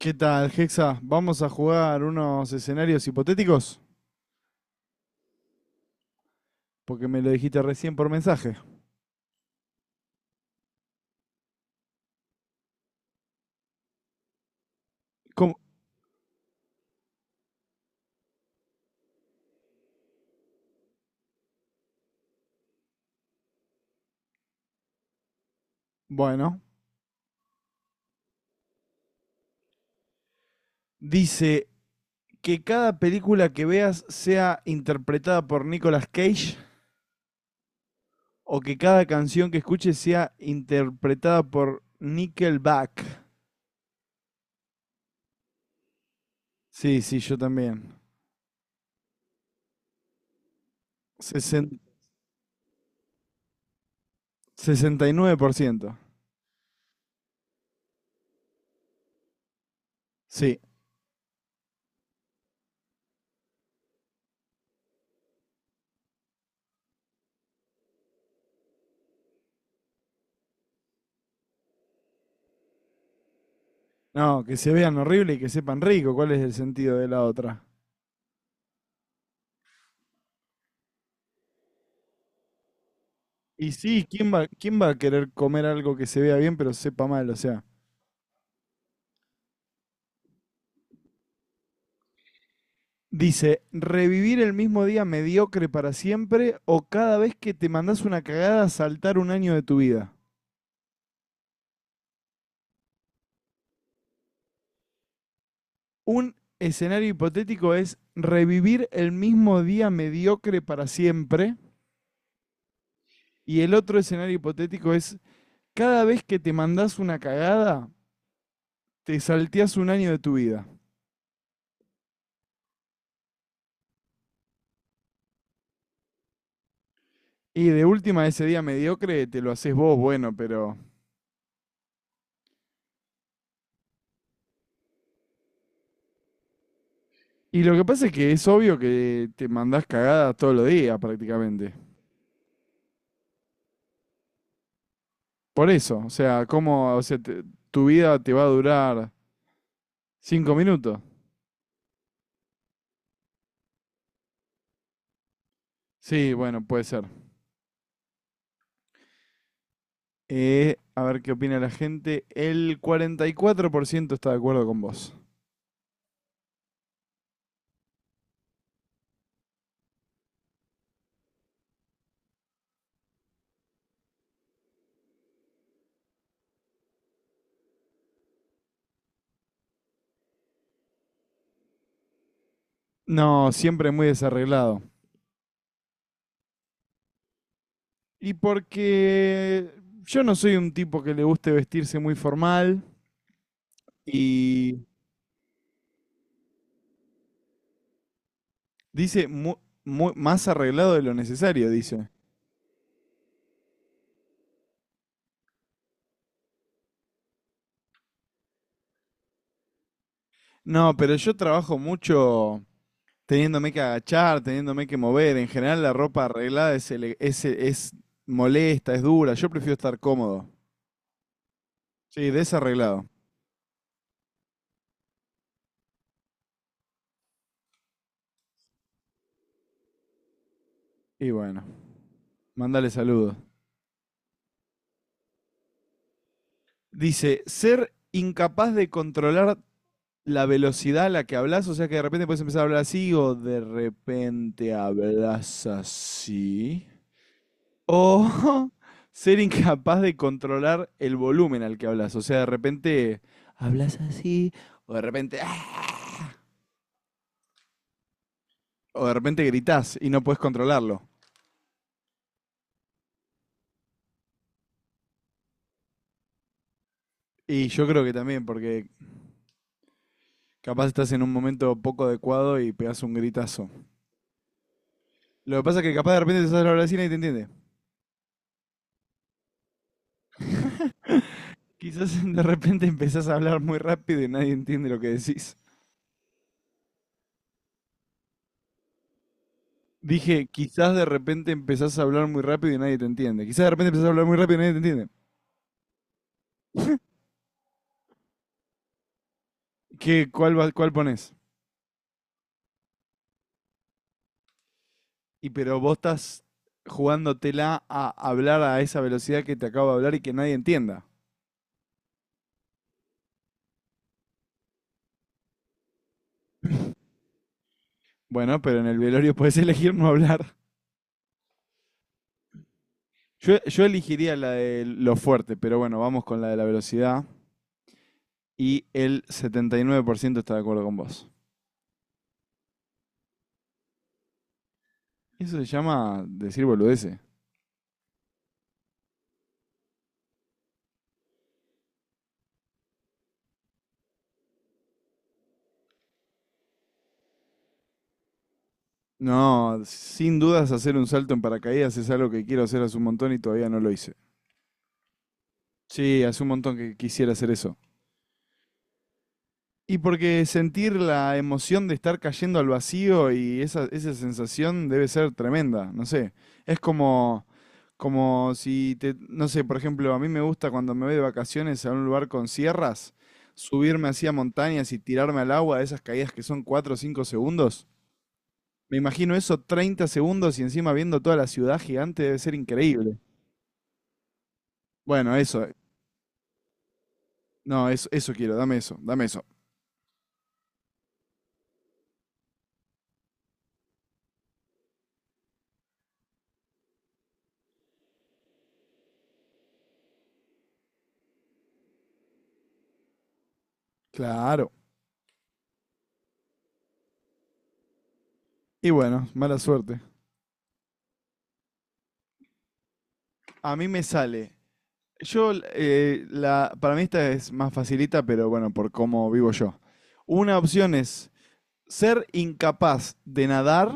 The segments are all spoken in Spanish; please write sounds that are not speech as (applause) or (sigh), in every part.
¿Qué tal, Hexa? Vamos a jugar unos escenarios hipotéticos, porque me lo dijiste recién por mensaje. ¿Cómo? Bueno, dice que cada película que veas sea interpretada por Nicolas Cage o que cada canción que escuches sea interpretada por Nickelback. Sí, sí, yo también. Sesen- 69%. Sí. No, que se vean horrible y que sepan rico. ¿Cuál es el sentido de la otra? Y sí, ¿quién va a querer comer algo que se vea bien pero sepa mal? O sea, dice, revivir el mismo día mediocre para siempre o cada vez que te mandás una cagada saltar un año de tu vida. Un escenario hipotético es revivir el mismo día mediocre para siempre y el otro escenario hipotético es cada vez que te mandás una cagada te salteás un año de tu vida. Y de última ese día mediocre te lo haces vos, bueno, pero... Y lo que pasa es que es obvio que te mandás cagadas todos los días prácticamente. Por eso, o sea, ¿cómo, o sea, tu vida te va a durar 5 minutos? Sí, bueno, puede ser. A ver qué opina la gente. El 44% está de acuerdo con vos. No, siempre muy desarreglado. Y porque yo no soy un tipo que le guste vestirse muy formal. Y dice más arreglado de lo necesario, dice. No, pero yo trabajo mucho teniéndome que agachar, teniéndome que mover. En general la ropa arreglada es molesta, es dura. Yo prefiero estar cómodo. Sí, desarreglado. Y bueno, mándale saludos. Dice, ser incapaz de controlar la velocidad a la que hablas, o sea que de repente puedes empezar a hablar así o de repente hablas así. O (laughs) ser incapaz de controlar el volumen al que hablas, o sea, de repente hablas así o de repente, ¡ah!, o de repente gritás y no puedes controlarlo. Y yo creo que también, porque capaz estás en un momento poco adecuado y pegás un gritazo. Lo que pasa es que capaz de repente te sale la vecina y nadie te entiende. Quizás (laughs) de repente empezás a hablar muy rápido y nadie entiende lo que decís. Dije, quizás de repente empezás a hablar muy rápido y nadie te entiende. Quizás de repente empezás a hablar muy rápido y nadie te entiende. ¿Cuál pones? Y pero vos estás jugándotela a hablar a esa velocidad que te acabo de hablar y que nadie entienda. (laughs) Bueno, pero en el velorio puedes elegir no hablar. Yo elegiría la de lo fuerte, pero bueno, vamos con la de la velocidad. Y el 79% está de acuerdo con vos. Eso se llama decir boludeces. No, sin dudas hacer un salto en paracaídas es algo que quiero hacer hace un montón y todavía no lo hice. Sí, hace un montón que quisiera hacer eso. Y porque sentir la emoción de estar cayendo al vacío y esa sensación debe ser tremenda, no sé. Es como si te... No sé, por ejemplo, a mí me gusta cuando me voy de vacaciones a un lugar con sierras, subirme hacia montañas y tirarme al agua, esas caídas que son 4 o 5 segundos. Me imagino eso 30 segundos y encima viendo toda la ciudad gigante debe ser increíble. Bueno, eso, no, eso quiero, dame eso, dame eso. Claro. Y bueno, mala suerte. A mí me sale. Para mí esta es más facilita, pero bueno, por cómo vivo yo. Una opción es ser incapaz de nadar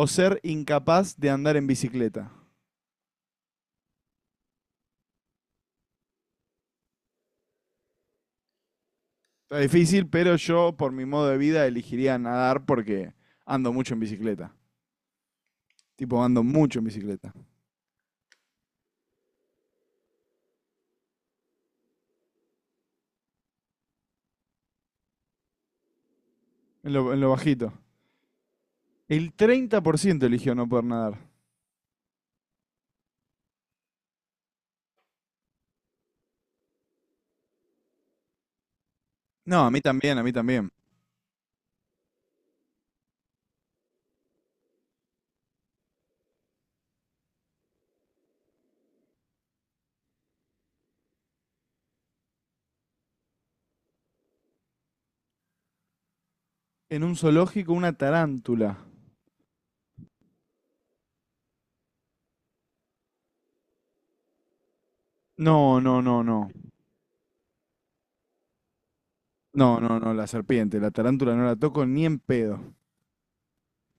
o ser incapaz de andar en bicicleta. Está difícil, pero yo por mi modo de vida elegiría nadar porque ando mucho en bicicleta. Tipo, ando mucho en bicicleta. En lo bajito. El 30% eligió no poder nadar. No, a mí también, a mí también. En un zoológico, una tarántula. No, no, no, no. No, no, no, la serpiente, la tarántula no la toco ni en pedo.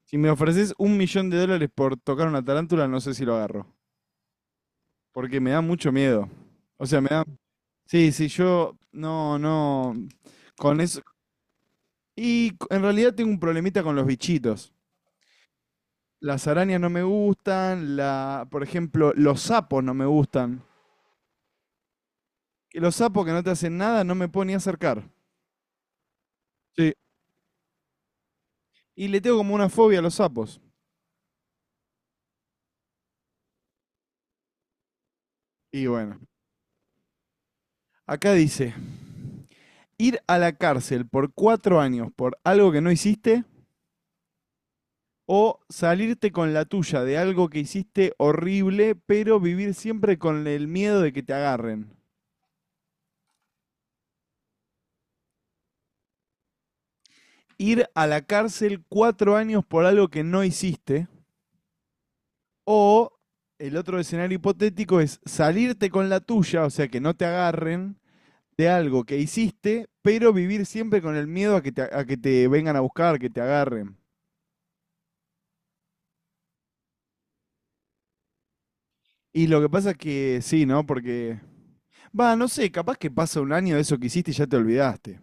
Si me ofreces 1 millón de dólares por tocar una tarántula, no sé si lo agarro. Porque me da mucho miedo. O sea, me da... Sí, sí, yo... No, no. Con eso... Y en realidad tengo un problemita con los bichitos. Las arañas no me gustan, por ejemplo, los sapos no me gustan. Y los sapos que no te hacen nada no me puedo ni acercar. Sí. Y le tengo como una fobia a los sapos. Y bueno. Acá dice, ir a la cárcel por 4 años por algo que no hiciste o salirte con la tuya de algo que hiciste horrible, pero vivir siempre con el miedo de que te agarren. Ir a la cárcel 4 años por algo que no hiciste o el otro escenario hipotético es salirte con la tuya, o sea, que no te agarren de algo que hiciste, pero vivir siempre con el miedo a que te, vengan a buscar, que te agarren. Y lo que pasa es que sí, ¿no? Porque va, no sé, capaz que pasa un año de eso que hiciste y ya te olvidaste.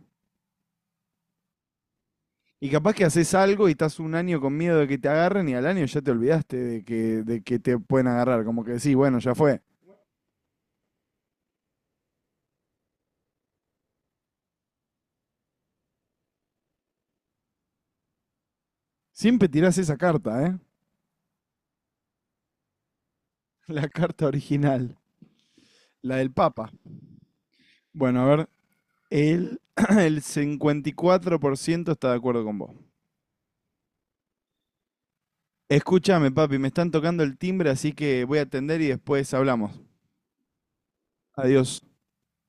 Y capaz que haces algo y estás un año con miedo de que te agarren y al año ya te olvidaste de que te pueden agarrar. Como que decís, bueno, ya fue. Siempre tirás esa carta, ¿eh? (laughs) La carta original, la del Papa. Bueno, a ver, el, (clears throat) el 54% está de acuerdo con vos. Escúchame, papi, me están tocando el timbre, así que voy a atender y después hablamos. Adiós.